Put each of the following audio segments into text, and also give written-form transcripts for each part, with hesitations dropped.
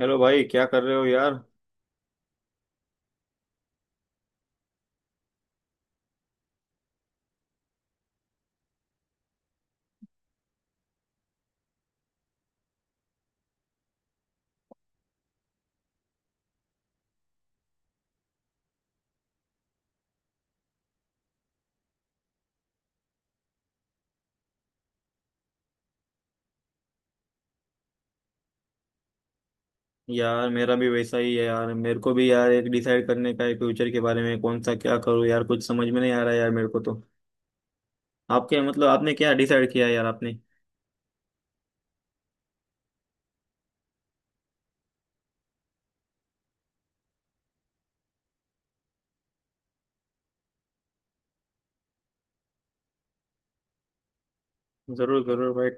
Hello भाई क्या कर रहे हो यार। यार मेरा भी वैसा ही है यार, मेरे को भी यार एक डिसाइड करने का है फ्यूचर के बारे में कौन सा क्या करूँ यार, कुछ समझ में नहीं आ रहा है यार मेरे को तो। आपके मतलब आपने क्या डिसाइड किया है यार आपने। जरूर जरूर भाई।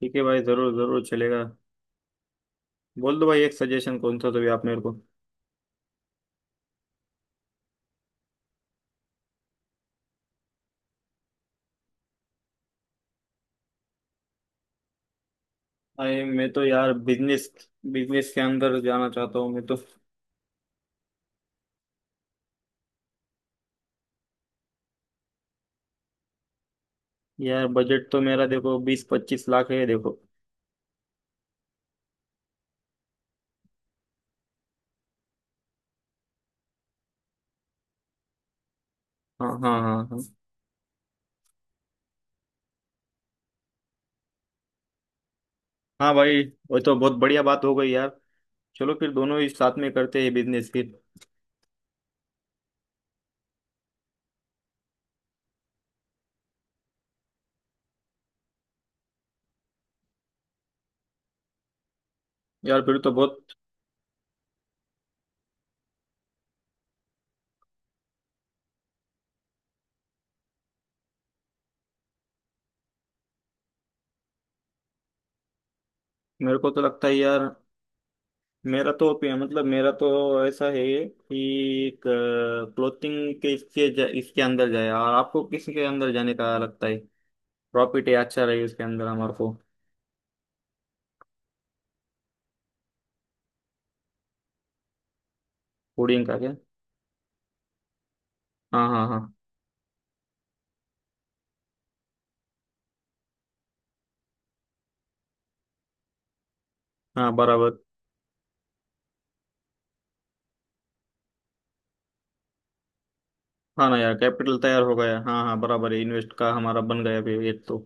ठीक है भाई, जरूर जरूर चलेगा। बोल दो भाई एक सजेशन कौन सा तो भी आप मेरे को। अरे मैं तो यार बिजनेस बिजनेस के अंदर जाना चाहता हूँ मैं तो। यार बजट तो मेरा देखो 20-25 लाख है देखो। हाँ हाँ हाँ हाँ। हाँ भाई, वो तो बहुत बढ़िया बात हो गई यार। चलो फिर दोनों ही साथ में करते हैं बिजनेस फिर। यार फिर तो बहुत। मेरे को तो लगता है यार, मेरा तो ओपिनियन मतलब मेरा तो ऐसा है कि क्लोथिंग के इसके इसके अंदर जाए, और आपको किसके अंदर जाने का लगता है प्रॉफिट है, अच्छा रहे इसके अंदर हमारे को। फूडिंग का क्या। हाँ हाँ हाँ। हाँ बराबर। हाँ ना यार, कैपिटल तैयार हो गया, हाँ हाँ बराबर है, इन्वेस्ट का हमारा बन गया अभी एक तो।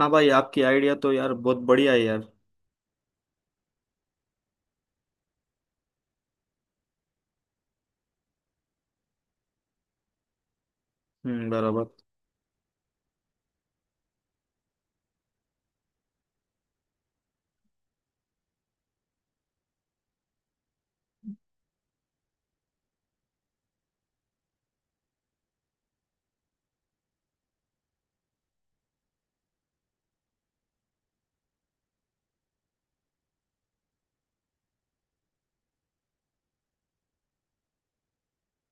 हाँ भाई आपकी आइडिया तो यार बहुत बढ़िया है यार। हम्म, बराबर।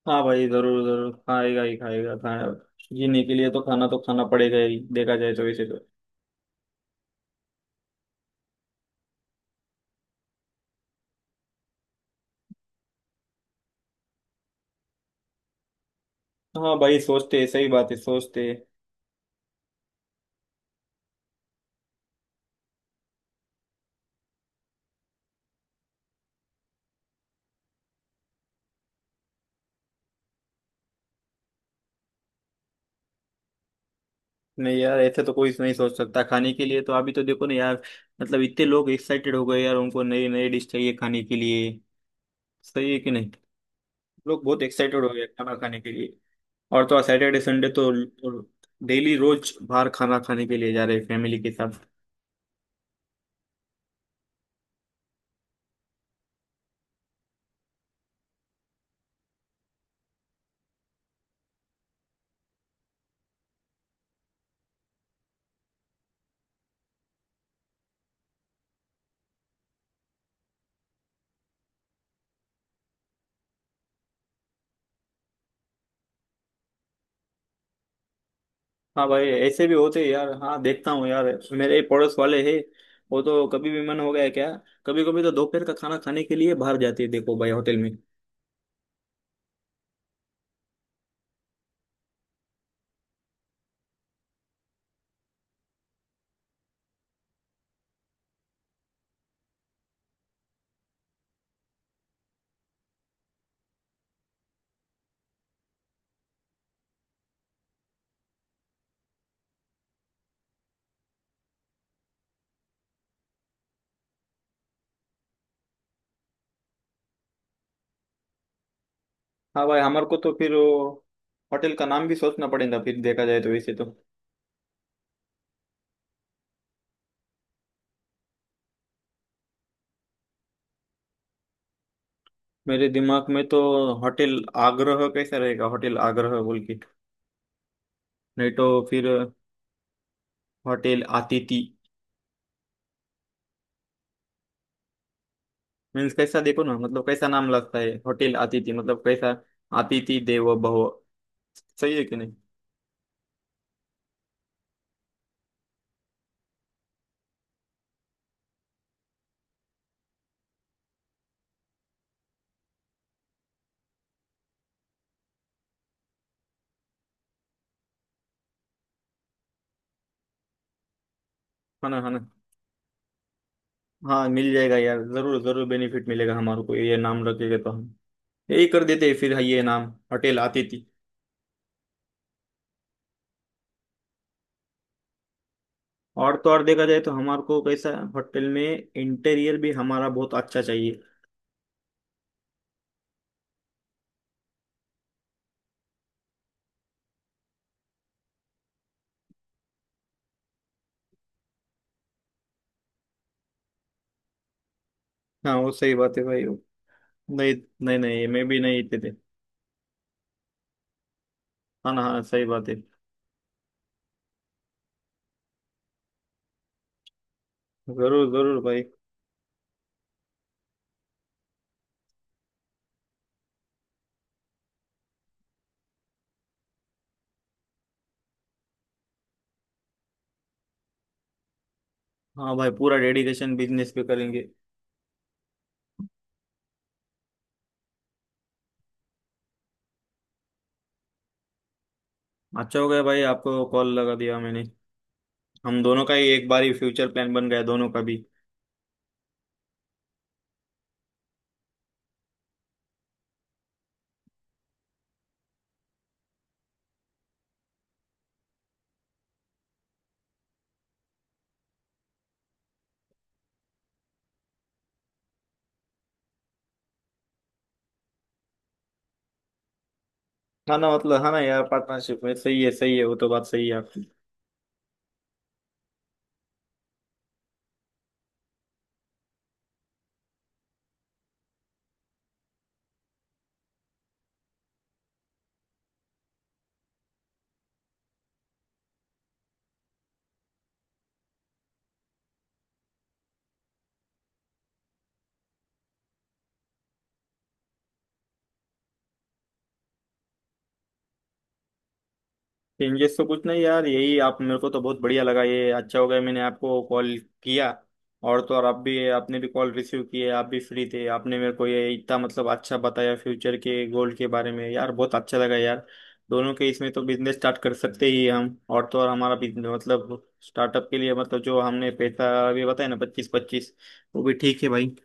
हाँ भाई, जरूर जरूर खाएगा ही खाएगा खाना। जीने के लिए तो खाना पड़ेगा ही, देखा जाए तो वैसे तो। हाँ भाई सोचते हैं, सही बात है सोचते हैं। नहीं यार, ऐसे तो कोई नहीं सोच सकता खाने के लिए तो, अभी तो देखो ना यार, मतलब इतने लोग एक्साइटेड हो गए यार, उनको नई नई डिश चाहिए खाने के लिए। सही है कि नहीं। लोग बहुत एक्साइटेड हो गए खाना खाने के लिए। और तो सैटरडे संडे तो डेली रोज बाहर खाना खाने के लिए जा रहे हैं फैमिली के साथ। हाँ भाई ऐसे भी होते हैं यार, हाँ देखता हूँ यार, मेरे पड़ोस वाले हैं, वो तो कभी भी मन हो गया क्या, कभी कभी तो दोपहर का खाना खाने के लिए बाहर जाते हैं देखो भाई होटल में। हाँ भाई हमारे को तो फिर वो होटल का नाम भी सोचना पड़ेगा फिर, देखा जाए तो वैसे तो। मेरे दिमाग में तो होटल आग्रह कैसा रहेगा, होटल आग्रह बोल के, नहीं तो फिर होटल अतिथि। मीन्स कैसा, देखो ना, मतलब कैसा नाम लगता है होटल अतिथि, मतलब कैसा। अतिथि देवो भव, सही है कि नहीं। है ना, है ना। हाँ मिल जाएगा यार, जरूर जरूर बेनिफिट मिलेगा हमारे को, ये नाम रखेगा तो हम यही कर देते हैं फिर ये नाम, होटल अतिथि। और तो और, देखा जाए तो हमारे को कैसा है, होटल में इंटीरियर भी हमारा बहुत अच्छा चाहिए। हाँ वो सही बात है भाई। नहीं, नहीं नहीं मैं भी नहीं इतने थे। हाँ ना, हाँ सही बात है। जरूर जरूर भाई। हाँ भाई, पूरा डेडिकेशन बिजनेस पे करेंगे। अच्छा हो गया भाई आपको कॉल लगा दिया मैंने। हम दोनों का ही एक बार ही फ्यूचर प्लान बन गया दोनों का भी। हाँ ना, मतलब हाँ ना यार, पार्टनरशिप में सही है, सही है, वो तो बात सही है आपकी। चेंजेस तो कुछ नहीं यार, यही, आप मेरे को तो बहुत बढ़िया लगा, ये अच्छा हो गया मैंने आपको कॉल किया। और तो और आप भी, आपने भी कॉल रिसीव किए, आप भी फ्री थे, आपने मेरे को ये इतना मतलब अच्छा बताया फ्यूचर के गोल के बारे में यार, बहुत अच्छा लगा यार। दोनों के इसमें तो बिजनेस स्टार्ट कर सकते ही हम, और तो और हमारा बिजनेस मतलब स्टार्टअप के लिए मतलब जो हमने पैसा अभी बताया ना, 25-25, वो भी ठीक है भाई।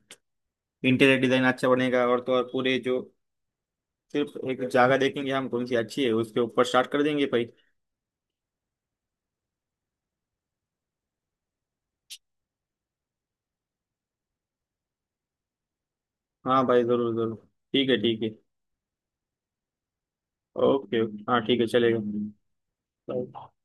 इंटीरियर डिजाइन अच्छा बनेगा, और तो और पूरे जो सिर्फ एक जगह देखेंगे हम कौन सी अच्छी है उसके ऊपर स्टार्ट कर देंगे भाई। हाँ भाई जरूर जरूर ठीक है, ठीक है। ओके ओके, हाँ ठीक है चलेगा। Bye.